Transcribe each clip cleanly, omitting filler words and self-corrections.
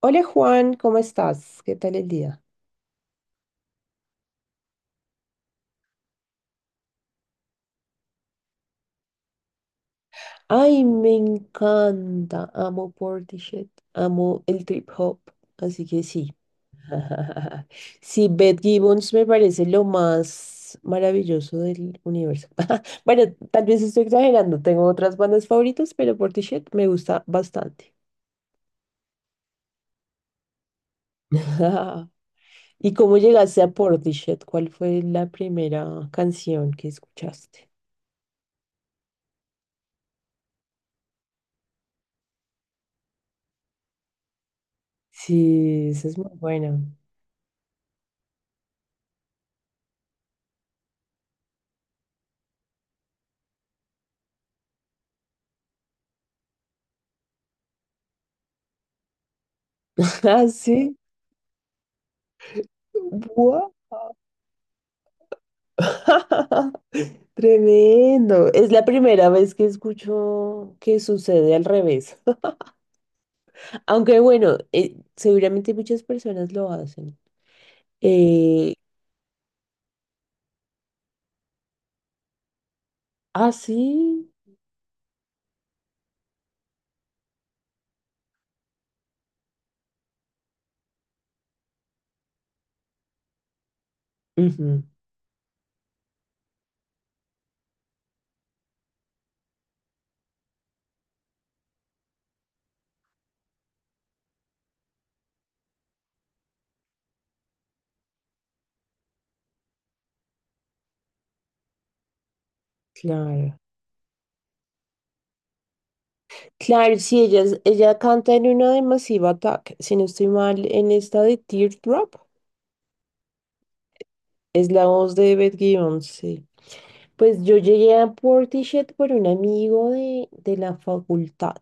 Hola Juan, ¿cómo estás? ¿Qué tal el día? Ay, me encanta. Amo Portishead, amo el trip hop, así que sí. Sí, Beth Gibbons me parece lo más maravilloso del universo. Bueno, tal vez estoy exagerando, tengo otras bandas favoritas, pero Portishead me gusta bastante. ¿Y cómo llegaste a Portishead? ¿Cuál fue la primera canción que escuchaste? Sí, esa es muy buena. Ah, sí. Tremendo. Es la primera vez que escucho que sucede al revés. Aunque bueno, seguramente muchas personas lo hacen. Eh, ah, sí. Ujú, claro. Claro, sí, ella canta en una de Massive Attack. Si no estoy mal, en esta de Teardrop. Es la voz de Beth Gibbons, sí. Pues yo llegué a Portishead por un amigo de la facultad.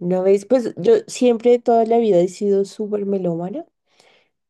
Una vez, pues yo siempre toda la vida he sido súper melómana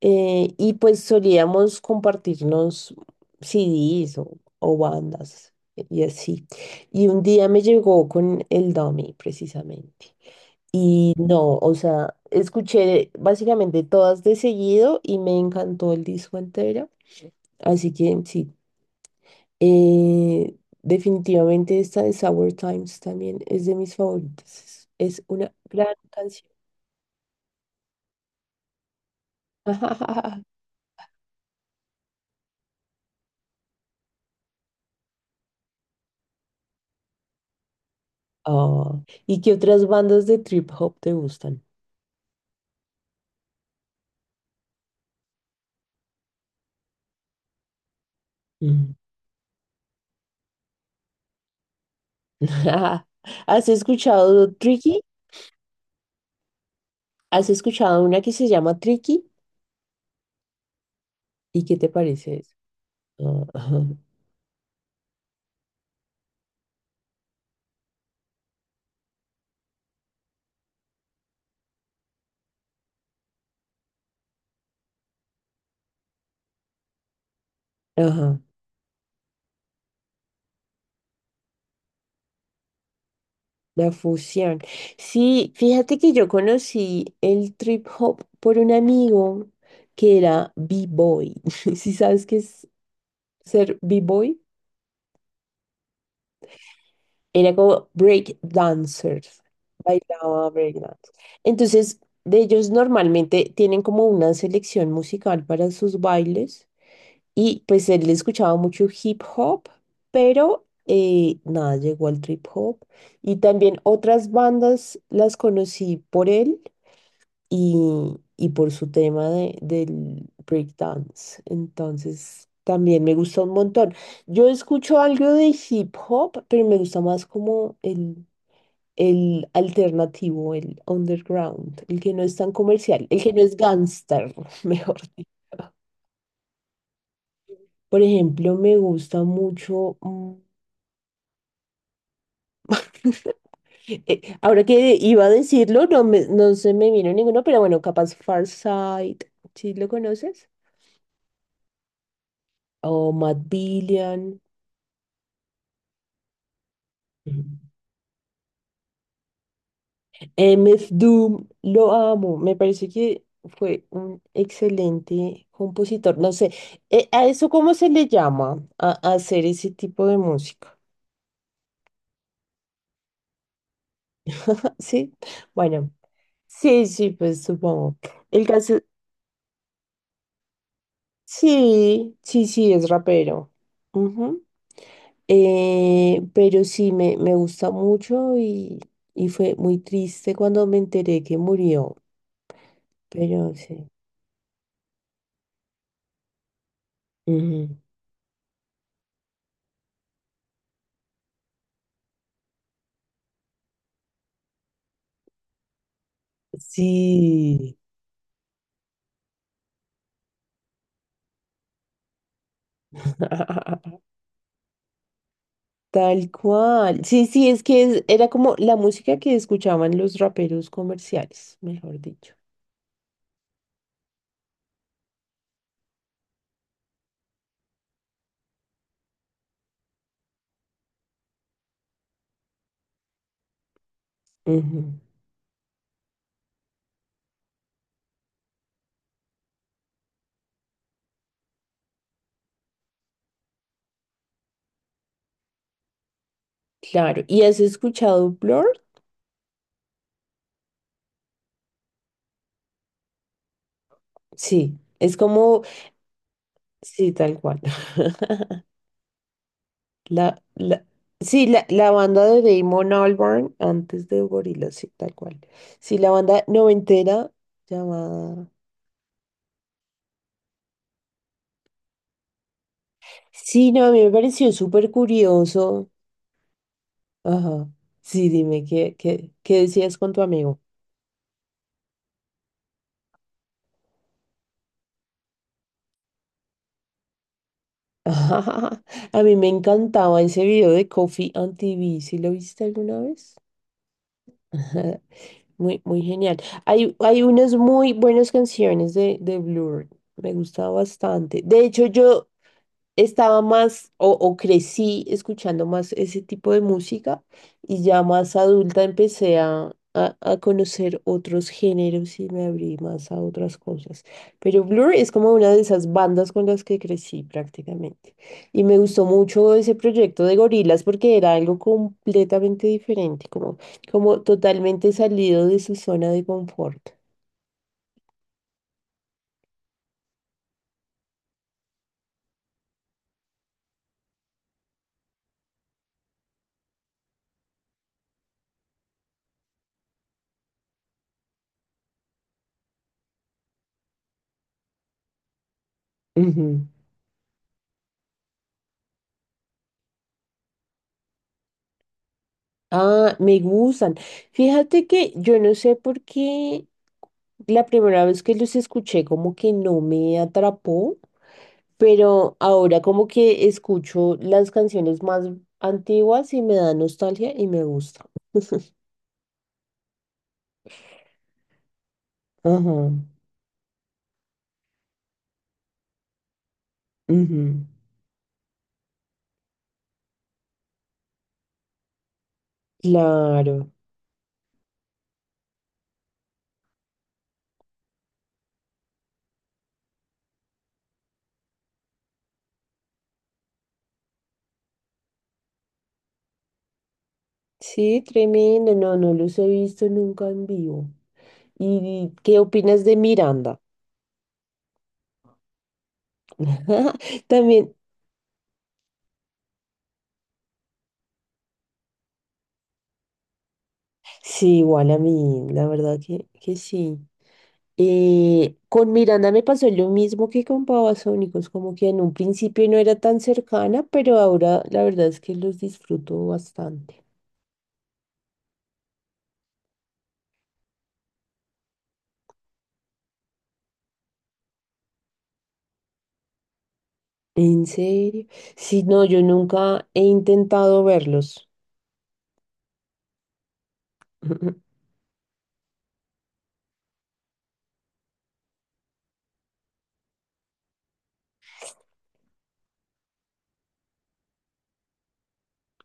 y pues solíamos compartirnos CDs o bandas y así. Y un día me llegó con el Dummy precisamente. Y no, o sea, escuché básicamente todas de seguido y me encantó el disco entero. Así que sí, eh, definitivamente esta de Sour Times también es de mis favoritas. Es una gran canción. Oh, ¿y qué otras bandas de trip hop te gustan? Mm. ¿Has escuchado Tricky? ¿Has escuchado una que se llama Tricky? ¿Y qué te parece eso? Ah, Ajá, ajá, la fusión. Sí, fíjate que yo conocí el trip hop por un amigo que era B-boy. ¿Sí sabes qué es ser B-boy? Era como break dancers bailaba break dance. Entonces, de ellos normalmente tienen como una selección musical para sus bailes y pues él escuchaba mucho hip hop, pero nada, llegó al trip hop. Y también otras bandas las conocí por él y por su tema del break dance. Entonces, también me gusta un montón. Yo escucho algo de hip hop, pero me gusta más como el alternativo, el underground, el que no es tan comercial, el que no es gangster, mejor dicho. Por ejemplo, me gusta mucho, ahora que iba a decirlo, no, no se me vino ninguno, pero bueno, capaz Farsight, ¿sí lo conoces? O Matt Billion. MF Doom, lo amo, me parece que fue un excelente compositor. No sé, ¿a eso cómo se le llama? A hacer ese tipo de música. Sí, bueno, sí, sí, pues supongo. El caso, sí, sí, sí, es rapero. Ujú. Pero sí, me gusta mucho y fue muy triste cuando me enteré que murió, pero sí. Ujú. Sí. Tal cual. Sí, sí, es que era como la música que escuchaban los raperos comerciales, mejor dicho. Ujú. Claro. ¿Y has escuchado Blur? Sí, es como, sí, tal cual. La, sí, la banda de Damon Albarn antes de Gorillaz, sí, tal cual. Sí, la banda noventera llamada. Sí, no, a mí me pareció súper curioso. Ajá. Sí, dime, ¿qué decías con tu amigo? A mí me encantaba ese video de Coffee on TV. ¿Sí lo viste alguna vez? Muy, muy genial. Hay unas muy buenas canciones de Blur. Me gusta bastante. De hecho, yo estaba más o crecí escuchando más ese tipo de música y ya más adulta empecé a conocer otros géneros y me abrí más a otras cosas. Pero Blur es como una de esas bandas con las que crecí prácticamente. Y me gustó mucho ese proyecto de gorilas porque era algo completamente diferente, como totalmente salido de su zona de confort. Ujú. Ah, me gustan. Fíjate que yo no sé por qué la primera vez que los escuché como que no me atrapó, pero ahora como que escucho las canciones más antiguas y me da nostalgia y me gusta. Ajá. Ujú. Claro. Sí, tremendo. No, no los he visto nunca en vivo. ¿Y qué opinas de Miranda? También, sí, igual a mí, la verdad que, sí. Con Miranda me pasó lo mismo que con Babasónicos, como que en un principio no era tan cercana, pero ahora la verdad es que los disfruto bastante. ¿En serio? Sí, no, yo nunca he intentado verlos.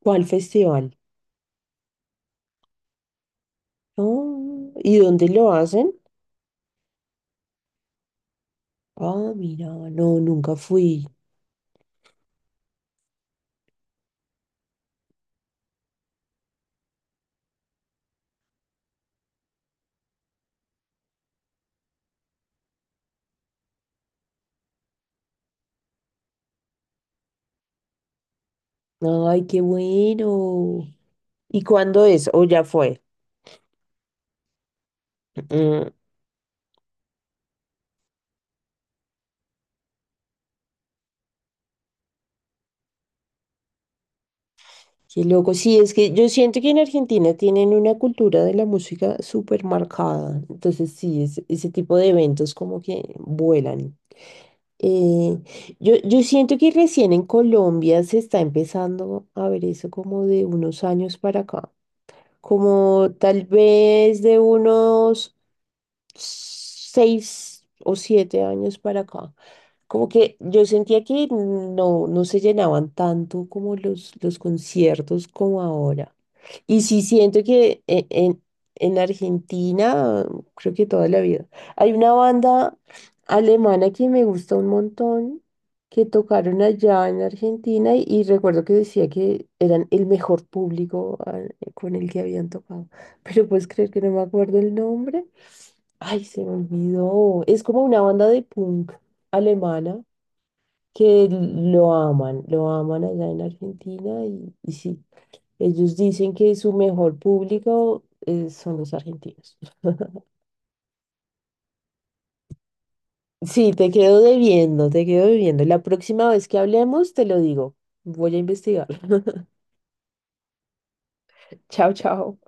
¿Cuál festival? Oh, ¿y dónde lo hacen? Ah, mira, no, nunca fui. Ay, qué bueno. ¿Y cuándo es? ¿O ya fue? Mm, qué loco. Sí, es que yo siento que en Argentina tienen una cultura de la música súper marcada. Entonces, sí, ese tipo de eventos como que vuelan. Eh, yo siento que recién en Colombia se está empezando a ver eso como de unos años para acá. Como tal vez de unos 6 o 7 años para acá. Como que yo sentía que no se llenaban tanto como los conciertos como ahora. Y sí siento que en Argentina, creo que toda la vida, hay una banda alemana que me gusta un montón, que tocaron allá en Argentina y recuerdo que decía que eran el mejor público con el que habían tocado. Pero puedes creer que no me acuerdo el nombre. Ay, se me olvidó. Es como una banda de punk alemana que lo aman allá en Argentina y sí, ellos dicen que su mejor público son los argentinos. Sí, te quedo debiendo, te quedo debiendo. La próxima vez que hablemos, te lo digo. Voy a investigar. Chao, chao.